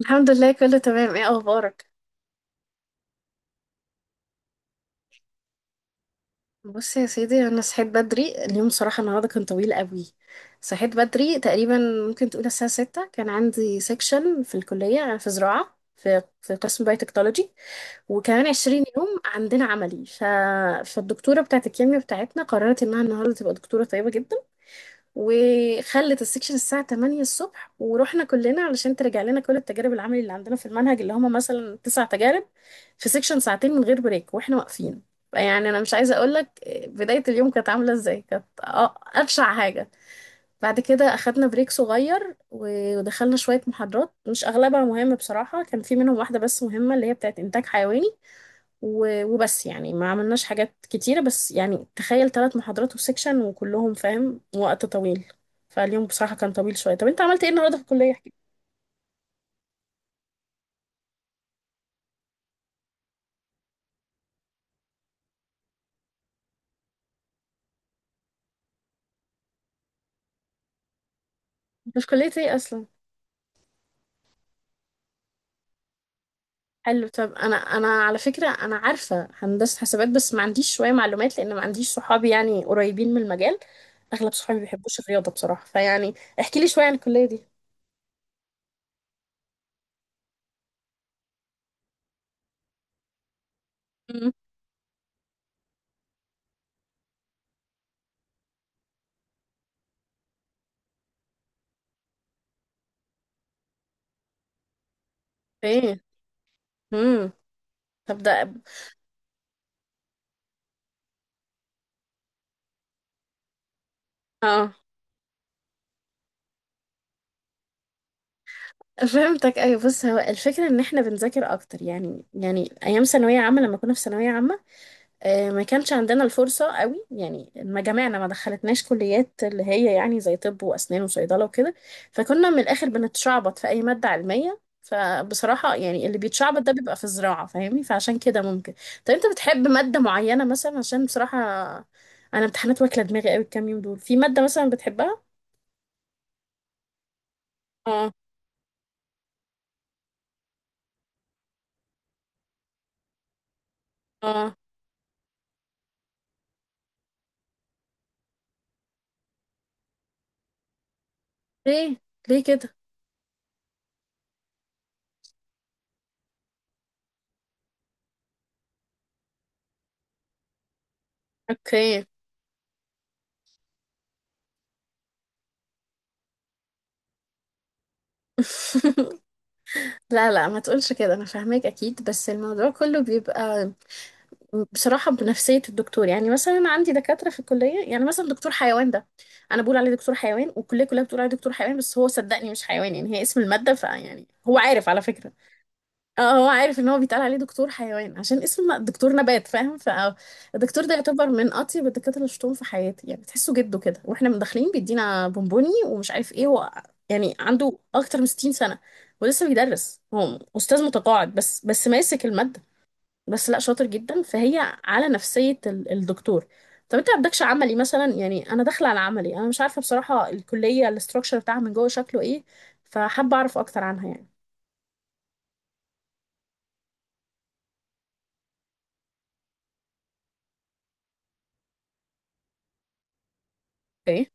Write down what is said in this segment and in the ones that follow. الحمد لله، كله تمام. ايه اخبارك؟ بص يا سيدي، انا صحيت بدري اليوم. صراحه النهارده كان طويل قوي. صحيت بدري تقريبا. ممكن تقول الساعه 6، كان عندي سيكشن في الكليه. انا في زراعه، في قسم بايوتكنولوجي. وكمان 20 يوم عندنا عملي. فالدكتوره بتاعت الكيمياء بتاعتنا قررت انها النهارده تبقى دكتوره طيبه جدا. وخلت السكشن الساعة 8 الصبح، ورحنا كلنا علشان ترجع لنا كل التجارب العملي اللي عندنا في المنهج، اللي هما مثلا تسع تجارب. في سكشن ساعتين من غير بريك واحنا واقفين. يعني انا مش عايزة اقولك بداية اليوم كانت عاملة ازاي. كانت ابشع حاجة. بعد كده اخدنا بريك صغير و- ودخلنا شوية محاضرات. مش اغلبها مهمة، بصراحة كان في منهم واحدة بس مهمة اللي هي بتاعت انتاج حيواني. و- وبس يعني ما عملناش حاجات كتيرة. بس يعني تخيل ثلاث محاضرات وسكشن، وكلهم فاهم وقت طويل. فاليوم بصراحة كان طويل شوية. طب انت عملت ايه النهاردة في الكلية؟ احكي. مش كلية ايه اصلا؟ حلو. طب انا على فكرة انا عارفة هندسة حسابات، بس ما عنديش شوية معلومات لان ما عنديش صحابي يعني قريبين من المجال. اغلب صحابي ما بيحبوش الرياضة بصراحة، فيعني. احكي لي شوية عن الكلية دي. امم. ايه. امم، طب ده. اه، فهمتك، ايوه. بص هو الفكره ان احنا بنذاكر اكتر، يعني ايام ثانويه عامه لما كنا في ثانويه عامه، ما كانش عندنا الفرصه قوي. يعني ما جامعنا ما دخلتناش كليات اللي هي يعني زي طب واسنان وصيدله وكده. فكنا من الاخر بنتشعبط في اي ماده علميه. فبصراحه يعني اللي بيتشعبط ده بيبقى في الزراعه. فاهمني؟ فعشان كده ممكن. طب انت بتحب ماده معينه مثلا؟ عشان بصراحه انا امتحانات واكله دماغي قوي الكام يوم دول. في ماده مثلا بتحبها؟ اه، اه. ليه، ليه كده؟ اوكي. لا، لا، ما تقولش كده. انا فاهماك اكيد. بس الموضوع كله بيبقى بصراحه بنفسيه الدكتور. يعني مثلا انا عندي دكاتره في الكليه، يعني مثلا دكتور حيوان ده. انا بقول عليه دكتور حيوان، والكليه كلها بتقول عليه دكتور حيوان. بس هو صدقني مش حيوان، يعني هي اسم الماده. فيعني هو عارف على فكره. اه، هو عارف ان هو بيتقال عليه دكتور حيوان عشان اسمه دكتور نبات، فاهم؟ فالدكتور ده يعتبر من اطيب الدكاتره اللي شفتهم في حياتي. يعني تحسه جده كده واحنا من داخلين بيدينا بونبوني ومش عارف ايه هو. يعني عنده اكتر من 60 سنه. ولسه بيدرس، هو استاذ متقاعد بس، بس ماسك الماده. بس لا، شاطر جدا. فهي على نفسيه الدكتور. طب انت ما عندكش عملي مثلا؟ يعني انا داخله على عملي، انا مش عارفه بصراحه الكليه الاستراكشر بتاعها من جوه شكله ايه. فحابه اعرف اكتر عنها، يعني.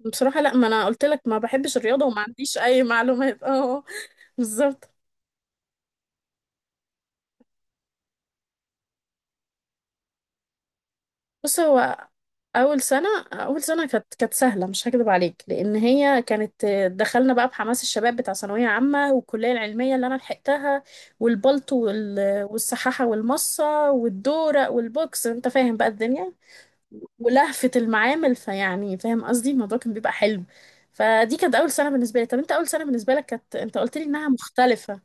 بصراحة لا، ما انا قلت لك ما بحبش الرياضة وما عنديش اي معلومات. اه. بالظبط. بص هو اول سنة كانت سهلة، مش هكذب عليك، لان هي كانت دخلنا بقى بحماس الشباب بتاع ثانوية عامة، والكلية العلمية اللي انا لحقتها. والبلطو والسحاحة والمصة والدورق والبوكس، انت فاهم بقى الدنيا؟ ولهفة المعامل، فيعني فاهم قصدي. الموضوع كان بيبقى حلو. فدي كانت اول سنة بالنسبة لي. طب انت اول سنة بالنسبة لك كانت، انت قلت لي انها مختلفة.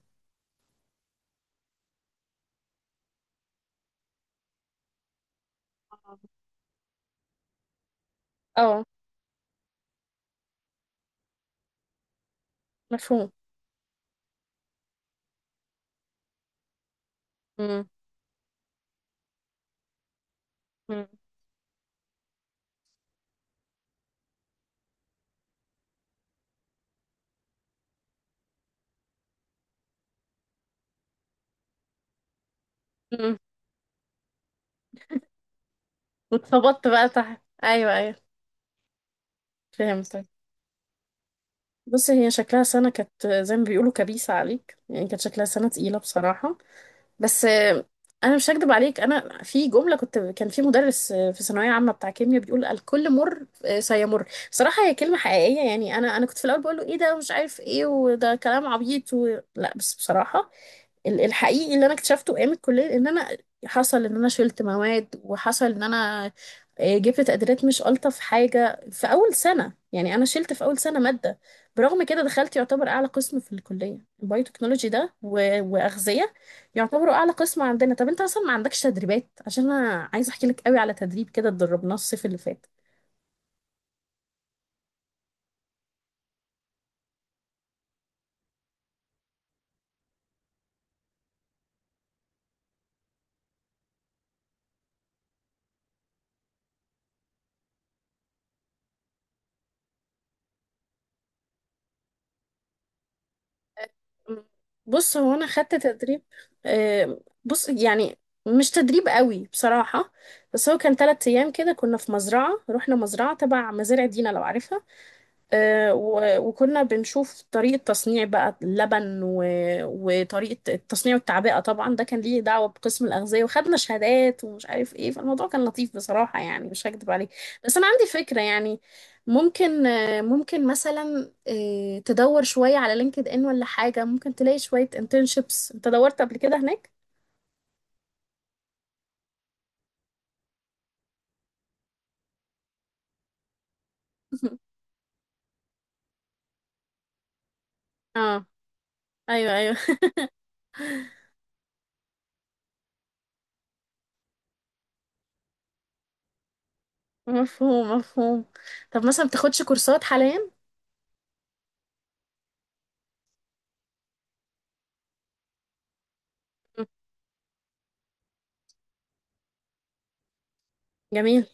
اه، مفهوم. مم. مم. مم. واتخبطت بقى تحت، ايوه، ايوه. فهمتك. بصي، هي شكلها سنة كانت زي ما بيقولوا كبيسة عليك، يعني كانت شكلها سنة تقيلة بصراحة. بس انا مش هكدب عليك. انا في جمله كنت، كان في مدرس في ثانويه عامه بتاع كيمياء، بيقول الكل مر سيمر. بصراحه هي كلمه حقيقيه، يعني انا كنت في الاول بقول له ايه ده، مش عارف ايه وده كلام عبيط لا، بس بصراحه الحقيقي اللي انا اكتشفته ايام الكليه ان انا حصل ان انا شلت مواد وحصل ان انا جبت تقديرات مش الطف حاجه في اول سنه. يعني انا شلت في اول سنه ماده. برغم كده دخلت يعتبر اعلى قسم في الكليه، البايوتكنولوجي ده و- واغذيه. يعتبروا اعلى قسم عندنا. طب انت اصلا ما عندكش تدريبات؟ عشان انا عايزه احكي لك قوي على تدريب كده اتدربناه الصيف اللي فات. بص هو انا خدت تدريب. بص يعني مش تدريب قوي بصراحه. بس هو كان 3 ايام كده، كنا في مزرعه. رحنا مزرعه تبع مزارع دينا، لو عارفها. و- وكنا بنشوف طريقة تصنيع بقى اللبن و- وطريقة التصنيع والتعبئة. طبعا ده كان ليه دعوة بقسم الأغذية، وخدنا شهادات ومش عارف ايه. فالموضوع كان لطيف بصراحة، يعني مش هكدب عليك. بس أنا عندي فكرة يعني. ممكن مثلا تدور شوية على لينكد إن ولا حاجة. ممكن تلاقي شوية internships. أنت دورت قبل كده هناك؟ اه. ايوه، ايوه. مفهوم، مفهوم. طب مثلا بتاخدش كورسات حاليا؟ مم، جميل.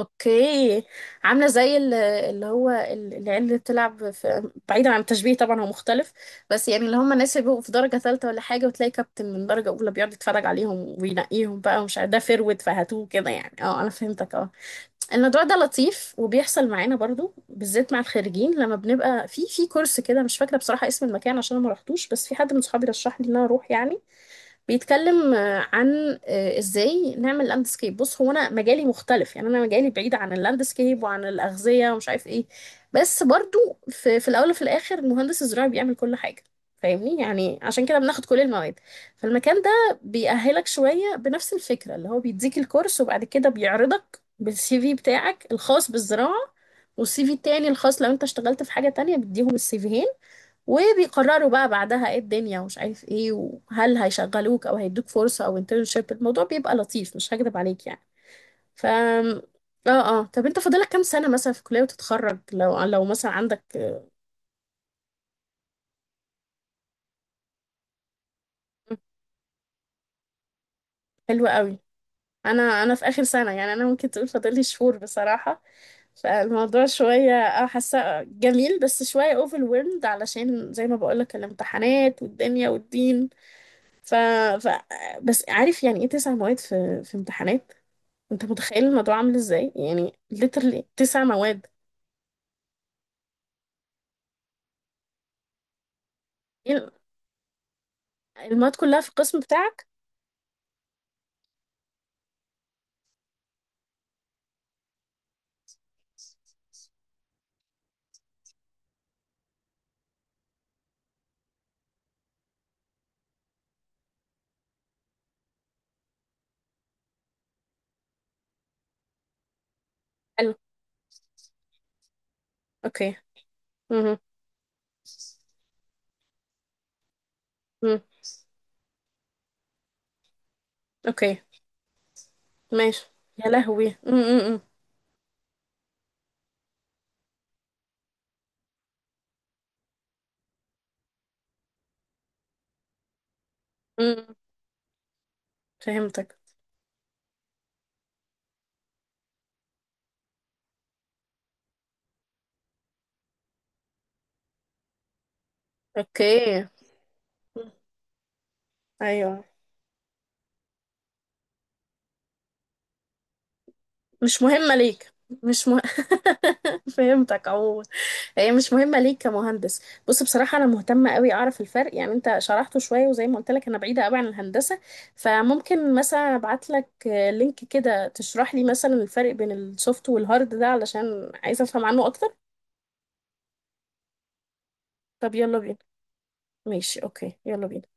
اوكي. عامله زي اللي هو العيال اللي بتلعب في، بعيدا عن التشبيه طبعا، هو مختلف. بس يعني اللي هم الناس اللي بيبقوا في درجه ثالثه ولا حاجه، وتلاقي كابتن من درجه اولى بيقعد يتفرج عليهم وينقيهم بقى، ومش عارف ده فرود فهاتوه كده. يعني اه انا فهمتك، اه. الموضوع ده لطيف وبيحصل معانا برضو، بالذات مع الخريجين. لما بنبقى في كورس كده، مش فاكره بصراحه اسم المكان عشان أنا ما رحتوش، بس في حد من صحابي رشح لي ان انا اروح يعني. بيتكلم عن ازاي نعمل لاندسكيب. بص هو انا مجالي مختلف، يعني انا مجالي بعيد عن اللاندسكيب وعن الاغذيه ومش عارف ايه. بس برضو في الاول وفي الاخر المهندس الزراعي بيعمل كل حاجه. فاهمني؟ يعني عشان كده بناخد كل المواد. فالمكان ده بيأهلك شويه بنفس الفكره. اللي هو بيديك الكورس وبعد كده بيعرضك بالسي في بتاعك الخاص بالزراعه. والسي في التاني الخاص لو انت اشتغلت في حاجه تانية، بيديهم السي فيهين. وبيقرروا بقى بعدها ايه الدنيا ومش عارف ايه، وهل هيشغلوك او هيدوك فرصة او انترنشيب. الموضوع بيبقى لطيف، مش هكدب عليك يعني. ف اه اه طب انت فاضلك كام سنة مثلا في الكلية وتتخرج لو مثلا عندك؟ حلو قوي. انا في اخر سنة، يعني انا ممكن تقول فاضلي شهور بصراحة. فالموضوع شوية، حاسة جميل بس شوية overwhelmed، علشان زي ما بقولك الامتحانات والدنيا والدين. ف... ف... بس عارف يعني ايه؟ تسع مواد في امتحانات. انت متخيل الموضوع عامل ازاي؟ يعني literally تسع مواد. ايه؟ المواد كلها في القسم بتاعك؟ حلو. اوكي. امم، امم. اوكي ماشي. يا لهوي. امم، امم. فهمتك. اوكي. مم. ايوه. مش مهمة ليك. مش مه... فهمتك عموما. هي مش مهمة ليك كمهندس. بص بصراحة أنا مهتمة قوي أعرف الفرق، يعني أنت شرحته شوية وزي ما قلت لك أنا بعيدة قوي عن الهندسة. فممكن مثلا أبعت لك لينك كده تشرح لي مثلا الفرق بين السوفت والهارد ده، علشان عايزة أفهم عنه أكتر. طب يلا بينا. ماشي، أوكي، يلا بينا.